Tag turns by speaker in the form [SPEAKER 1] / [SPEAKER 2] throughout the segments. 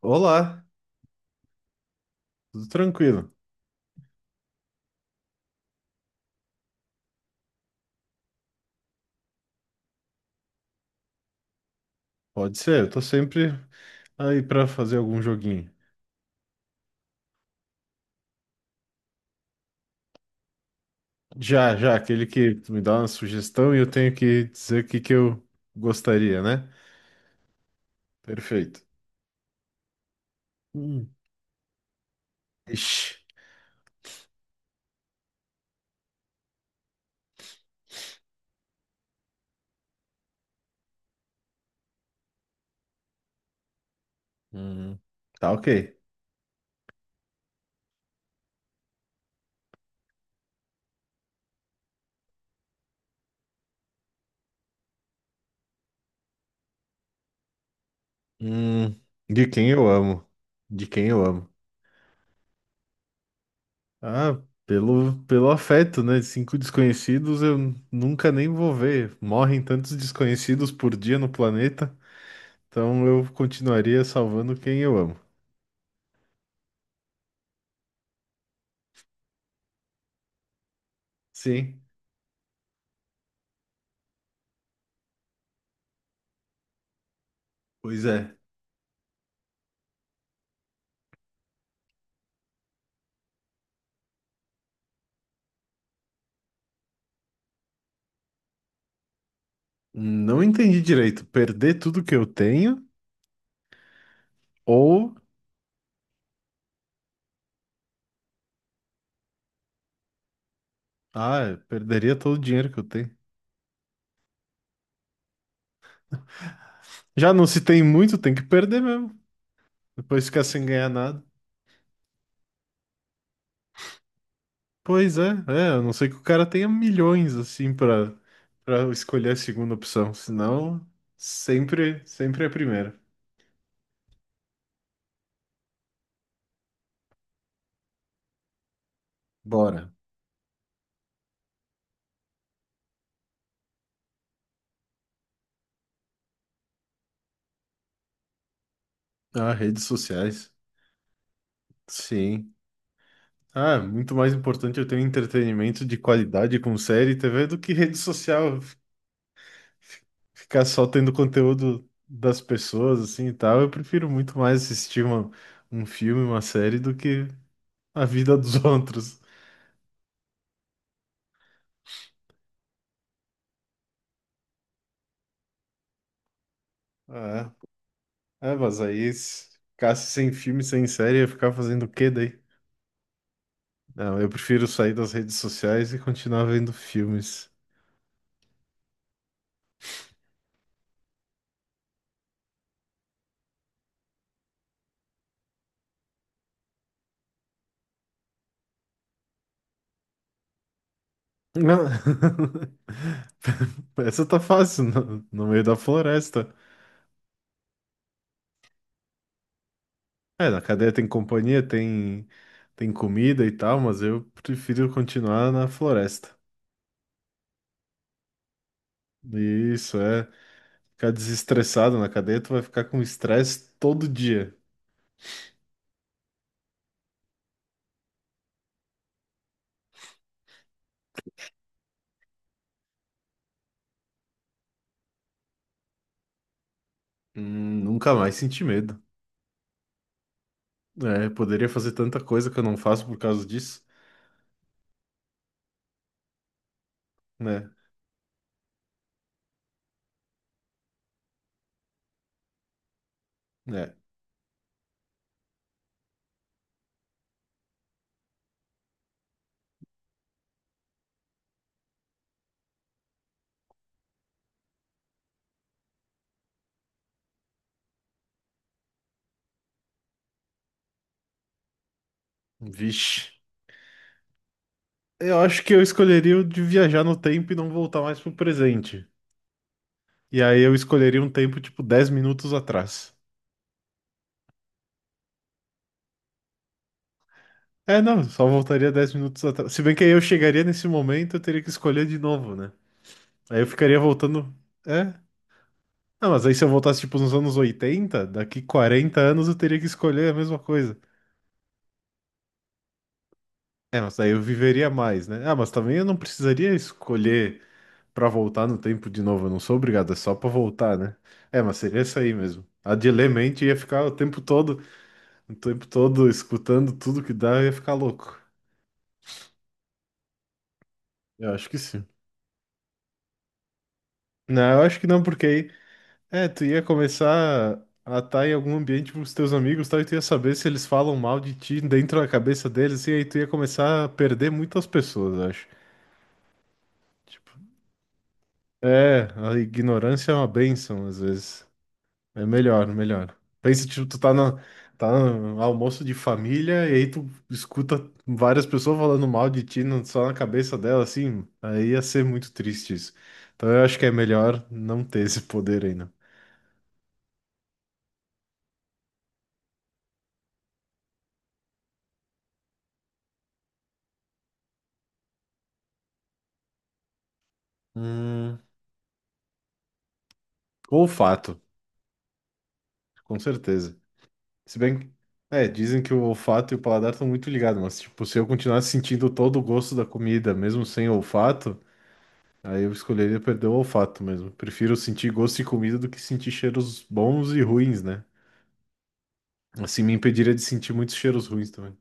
[SPEAKER 1] Olá, tudo tranquilo? Pode ser, eu tô sempre aí pra fazer algum joguinho. Já, já, aquele que tu me dá uma sugestão e eu tenho que dizer o que que eu gostaria, né? Perfeito. Hum. Ixi. Hum, Tá ok. Hum, De quem eu amo? De quem eu amo? Ah, pelo afeto, né? Cinco desconhecidos eu nunca nem vou ver. Morrem tantos desconhecidos por dia no planeta, então eu continuaria salvando quem eu amo. Sim. Pois é, não entendi direito. Perder tudo que eu tenho ou. Ah, eu perderia todo o dinheiro que eu tenho. Já não se tem muito, tem que perder mesmo. Depois ficar sem ganhar nada. Pois é, é, a não ser que o cara tenha milhões assim pra, para escolher a segunda opção. Senão, sempre, sempre é a primeira. Bora. Ah, redes sociais. Sim. Ah, muito mais importante eu ter um entretenimento de qualidade com série e TV do que rede social. Ficar só tendo conteúdo das pessoas, assim e tal. Eu prefiro muito mais assistir uma, um filme, uma série, do que a vida dos outros. É, é, mas aí se ficasse sem filme, sem série, ia ficar fazendo o quê daí? Não, eu prefiro sair das redes sociais e continuar vendo filmes. Não. Essa tá fácil, no, no meio da floresta. É, na cadeia tem companhia, tem, tem comida e tal, mas eu prefiro continuar na floresta. Isso, é. Ficar desestressado na cadeia, tu vai ficar com estresse todo dia. Nunca mais senti medo. É, poderia fazer tanta coisa que eu não faço por causa disso, né? É. Vixe. Eu acho que eu escolheria o de viajar no tempo e não voltar mais pro presente. E aí eu escolheria um tempo tipo 10 minutos atrás. É, não, só voltaria 10 minutos atrás. Se bem que aí eu chegaria nesse momento, eu teria que escolher de novo, né? Aí eu ficaria voltando. É, não, mas aí se eu voltasse, tipo, nos anos 80, daqui 40 anos eu teria que escolher a mesma coisa. É, mas daí eu viveria mais, né? Ah, mas também eu não precisaria escolher pra voltar no tempo de novo, eu não sou obrigado, é só pra voltar, né? É, mas seria isso aí mesmo. A de ler mente ia ficar o tempo todo escutando tudo que dá, eu ia ficar louco. Eu acho que sim. Não, eu acho que não, porque aí é, tu ia começar a estar em algum ambiente com os teus amigos, tal, e tu ia saber se eles falam mal de ti dentro da cabeça deles, e aí tu ia começar a perder muitas pessoas, eu acho. Tipo, é, a ignorância é uma bênção, às vezes. É melhor, melhor. Pensa, tipo, tu tá no, tá no almoço de família, e aí tu escuta várias pessoas falando mal de ti no- só na cabeça dela, assim, aí ia ser muito triste isso. Então eu acho que é melhor não ter esse poder ainda. Hum, olfato, com certeza. Se bem que, é, dizem que o olfato e o paladar estão muito ligados, mas, tipo, se eu continuasse sentindo todo o gosto da comida, mesmo sem olfato, aí eu escolheria perder o olfato mesmo. Prefiro sentir gosto de comida do que sentir cheiros bons e ruins, né? Assim me impediria de sentir muitos cheiros ruins também.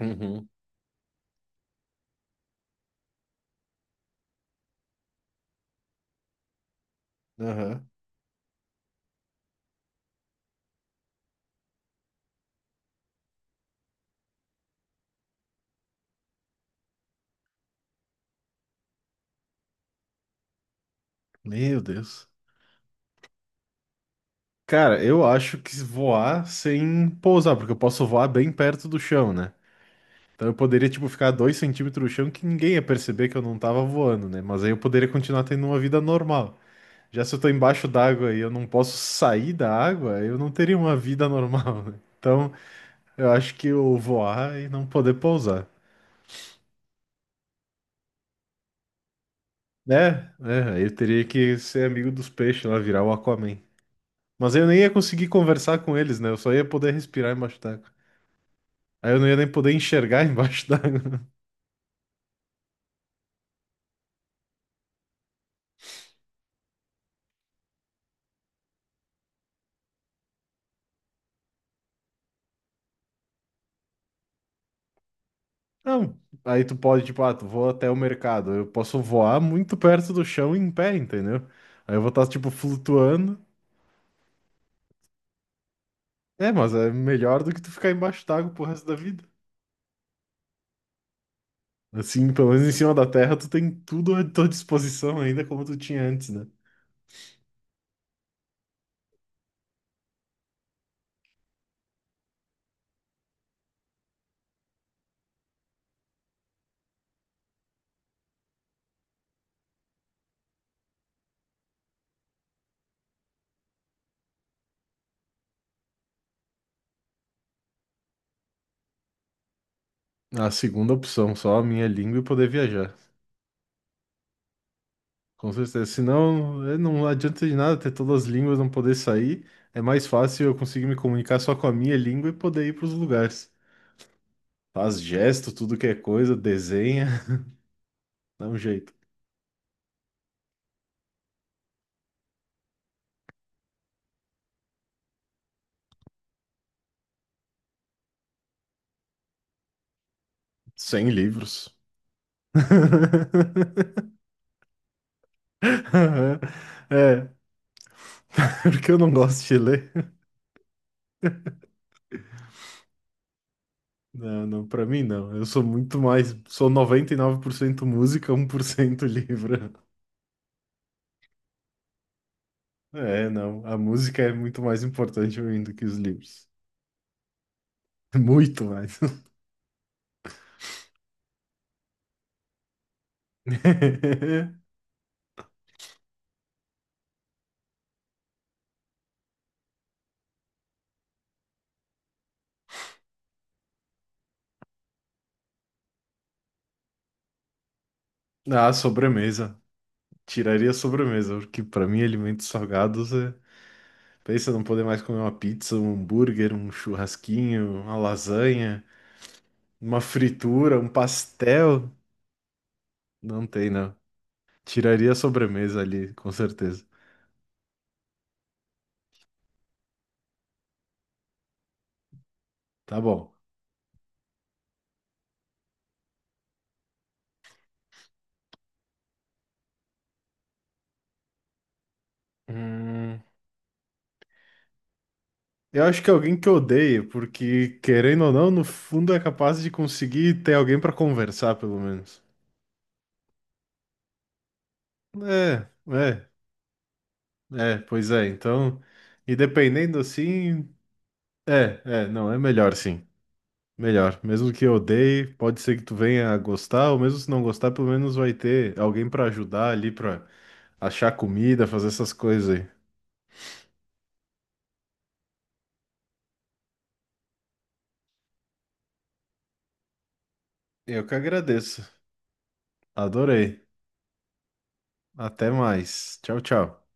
[SPEAKER 1] Uhum. Aham. Meu Deus. Cara, eu acho que voar sem pousar, porque eu posso voar bem perto do chão, né? Então eu poderia, tipo, ficar a 2 centímetros do chão que ninguém ia perceber que eu não tava voando, né? Mas aí eu poderia continuar tendo uma vida normal. Já se eu tô embaixo d'água e eu não posso sair da água, eu não teria uma vida normal, né? Então, eu acho que eu voar e não poder pousar. Né, é, aí eu teria que ser amigo dos peixes lá, virar o Aquaman. Mas aí eu nem ia conseguir conversar com eles, né? Eu só ia poder respirar embaixo d'água. Aí eu não ia nem poder enxergar embaixo d'água. Não. Aí tu pode, tipo, ah, tu voa até o mercado. Eu posso voar muito perto do chão em pé, entendeu? Aí eu vou estar, tipo, flutuando. É, mas é melhor do que tu ficar embaixo d'água pro resto da vida. Assim, pelo menos em cima da terra, tu tem tudo à tua disposição ainda como tu tinha antes, né? A segunda opção, só a minha língua e poder viajar. Com certeza. Senão, é, não adianta de nada ter todas as línguas, não poder sair. É mais fácil eu conseguir me comunicar só com a minha língua e poder ir pros lugares. Faz gesto, tudo que é coisa, desenha, dá um jeito. Sem livros. É, porque eu não gosto de ler. Não, não, pra mim não. Eu sou muito mais. Sou 99% música, 1% livro. É, não. A música é muito mais importante pra mim do que os livros. Muito mais. Ah, sobremesa. Tiraria a sobremesa, porque pra mim alimentos salgados é. Pensa não poder mais comer uma pizza, um hambúrguer, um churrasquinho, uma lasanha, uma fritura, um pastel. Não tem, não. Tiraria a sobremesa ali, com certeza. Tá bom. Hum, Eu acho que é alguém que odeia, porque querendo ou não, no fundo é capaz de conseguir ter alguém pra conversar, pelo menos. É, é, é, pois é. Então, e dependendo assim, é, é, não, é melhor sim. Melhor. Mesmo que eu odeie, pode ser que tu venha a gostar, ou mesmo se não gostar, pelo menos vai ter alguém pra ajudar ali, pra achar comida, fazer essas coisas aí. Eu que agradeço. Adorei. Até mais. Tchau, tchau.